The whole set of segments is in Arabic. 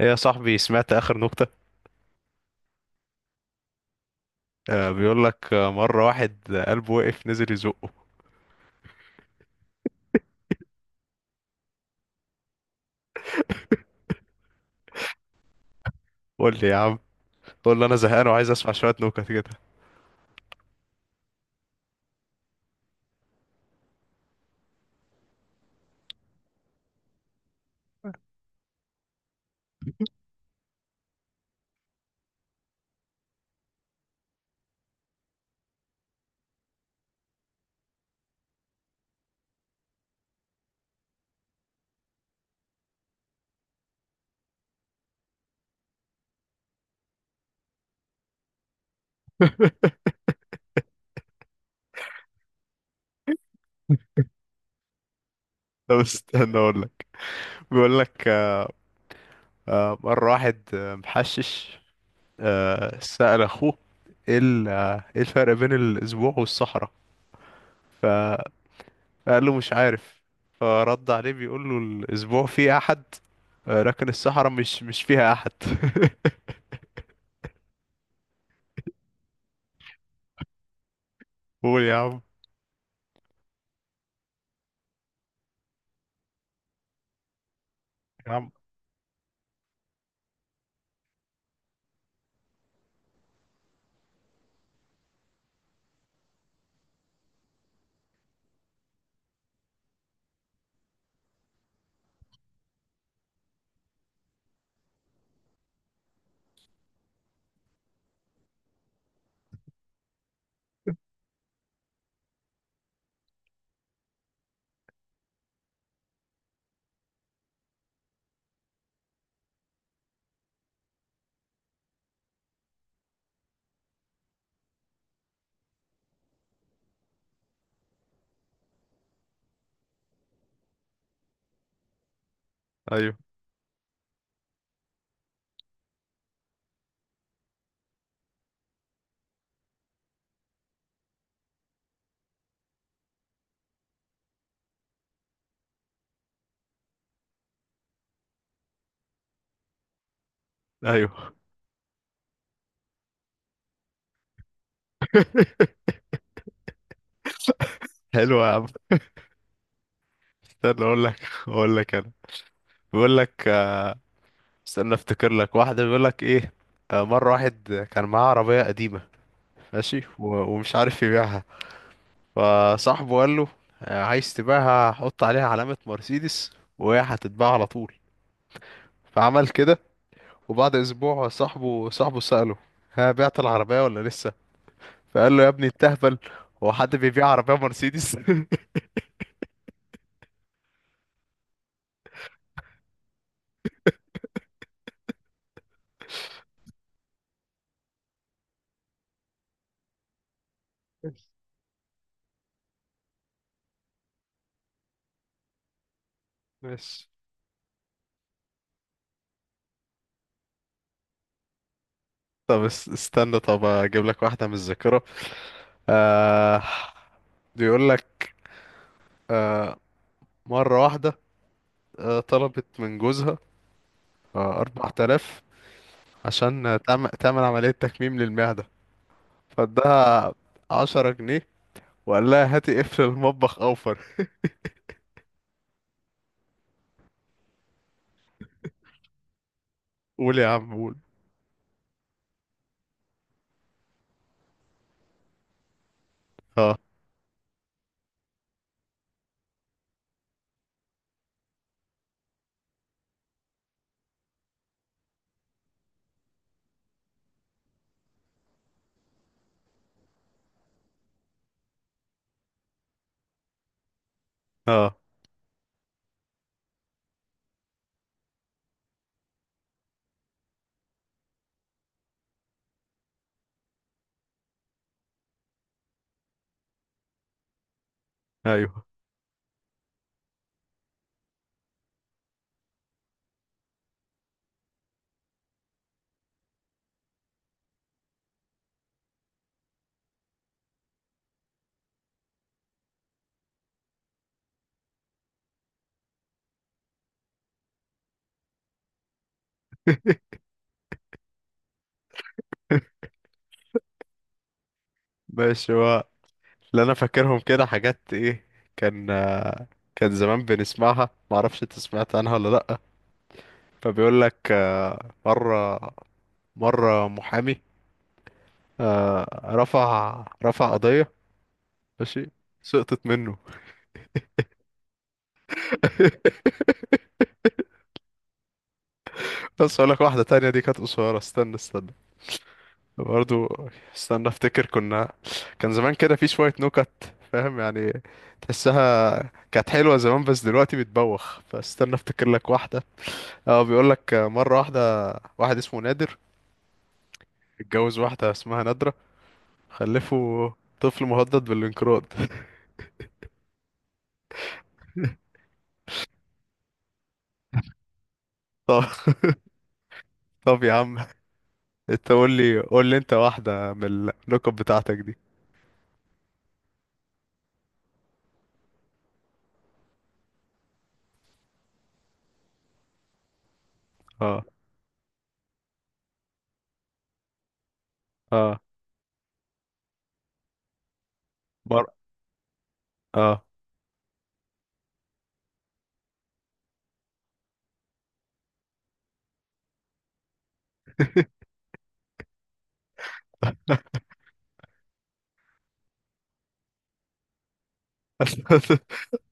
ايه يا صاحبي، سمعت اخر نكتة؟ آه بيقول لك آه، مرة واحد قلبه وقف نزل يزقه. قول لي يا عم. قول لي، انا زهقان وعايز اسمع شوية نكت كده. طب استنى اقول لك. بيقول لك آه آه، واحد محشش سأل اخوه: ايه ال- آه، ايه الفرق بين الاسبوع والصحراء؟ فقال له: مش عارف. فرد عليه بيقول له: الاسبوع فيه احد، لكن الصحراء مش فيها احد. قول يا عم. يا عم. ايوه. ايوه. حلو يا عم. استنى اقول لك. اقول لك انا. بيقول لك آه، استنى افتكر لك واحده. بيقول لك ايه، مره واحد كان معاه عربيه قديمه، ماشي ومش عارف يبيعها. فصاحبه قال له: عايز تبيعها؟ حط عليها علامه مرسيدس وهي هتتباع على طول. فعمل كده. وبعد اسبوع صاحبه سأله: ها، بعت العربيه ولا لسه؟ فقال له: يا ابني التهبل، هو حد بيبيع عربيه مرسيدس؟ ماشي. استنى، طب اجيب لك واحده من الذاكره. آه، بيقول لك مرة واحدة طلبت من جوزها 4000 عشان تعمل عملية تكميم للمعدة، فادها 10 جنيه وقال لها: هاتي قفل المطبخ أوفر. قول يا عم، قول. اه. اه. أيوه. ماشي. هو اللي أنا فاكرهم كده حاجات إيه، كان كان زمان بنسمعها، معرفش أنت سمعت عنها ولا لأ. فبيقول لك مرة مرة محامي رفع قضية، ماشي، سقطت منه. بس اقول لك واحده تانية، دي كانت قصيره. استنى استنى برضو. استنى افتكر. كنا كان زمان كده في شويه نكت، فاهم يعني، تحسها كانت حلوه زمان بس دلوقتي بتبوخ. فاستنى افتكر لك واحده. اه، بيقول لك مره واحده، واحد اسمه نادر اتجوز واحده اسمها نادره، خلفوا طفل مهدد بالانقراض. طب، طب يا عم، انت قول لي، قول لي انت واحده من النكت بتاعتك دي. اه. اه. مر... اه.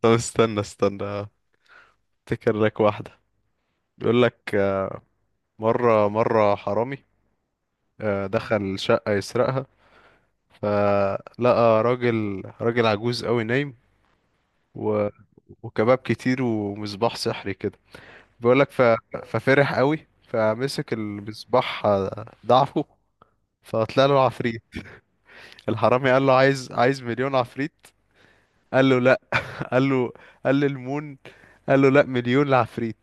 طب استنى استنى، افتكر لك واحدة. بيقول لك مرة حرامي دخل شقة يسرقها، فلقى راجل عجوز قوي نايم و... وكباب كتير ومصباح سحري كده. بيقول لك ففرح قوي، فمسك المصباح ضعفه، فطلع له عفريت. الحرامي قال له: عايز مليون عفريت. قال له: لا. قال له، قال له: المون. قال له: لا، مليون لعفريت.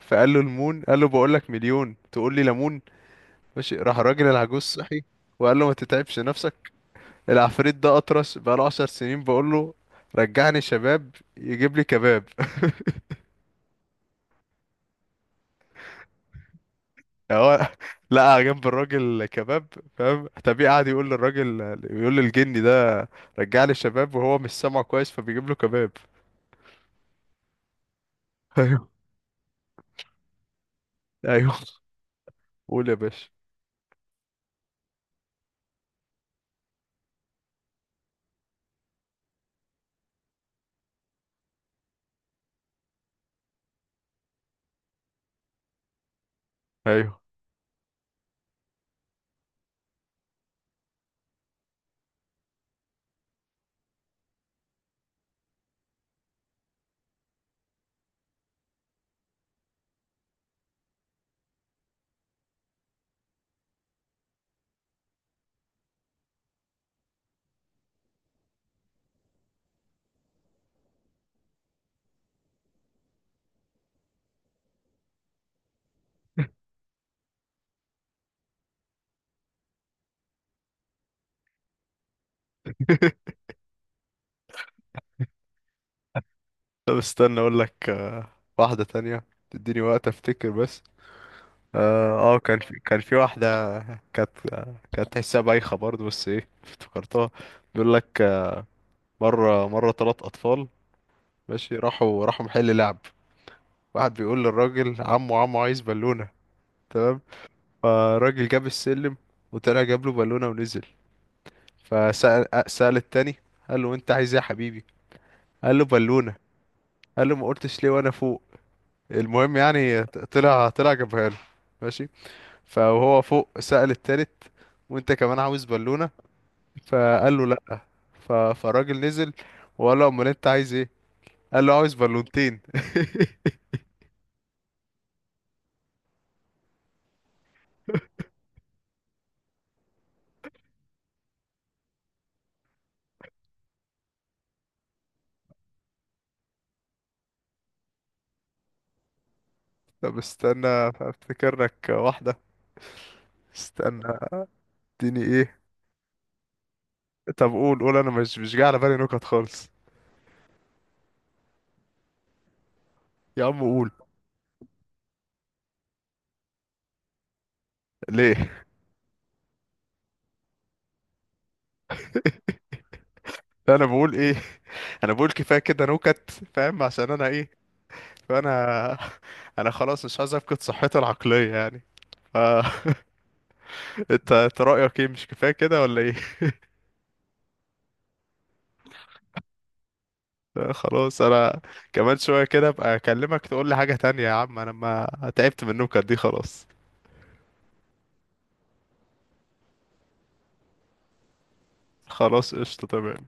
فقال له: المون. قال له: بقول لك مليون، تقول لي ليمون؟ ماشي. راح الراجل العجوز صحي وقال له: ما تتعبش نفسك، العفريت ده اطرش بقاله 10 سنين، بقول له: رجعني شباب، يجيب لي كباب. هو لقى جنب الراجل كباب، فاهم، طبيعي، قعد يقول للراجل، يقول للجني ده رجع لي شباب، وهو مش سامعه كويس فبيجيب له كباب. ايوه. ايوه. قول يا باشا. ايوه. طب استنى اقول لك واحدة تانية، تديني وقت افتكر بس. اه، كان في واحدة كانت، كانت تحسها بايخة برضه بس ايه، افتكرتها. بيقول لك مرة 3 أطفال، ماشي، راحوا محل لعب. واحد بيقول للراجل: عمو، عمو، عايز بالونة. تمام. فالراجل جاب السلم وطلع جاب له بالونة ونزل. فسأل، التاني قال له: انت عايز ايه يا حبيبي؟ قال له: بالونة. قال له: ما قلتش ليه وانا فوق؟ المهم، يعني طلع جابها له، ماشي. فهو فوق سأل التالت: وانت كمان عاوز بالونة؟ فقال له: لا. فالراجل نزل وقال له: امال انت عايز ايه؟ قال له: عاوز بالونتين. طب استنى افتكر لك واحده، استنى اديني ايه. طب قول، قول، انا مش، مش جاي على بالي نكت خالص. يا عم قول. ليه؟ انا بقول ايه؟ انا بقول كفايه كده نكت، فاهم؟ عشان انا ايه، فانا انا خلاص مش عايز افقد صحتي العقليه يعني. ف انت، انت رايك ايه؟ مش كفايه كده ولا ايه؟ لا خلاص. انا كمان شويه كده ابقى اكلمك تقول لي حاجه تانية. يا عم، انا ما، تعبت من النكت دي خلاص. خلاص، قشطه، تمام.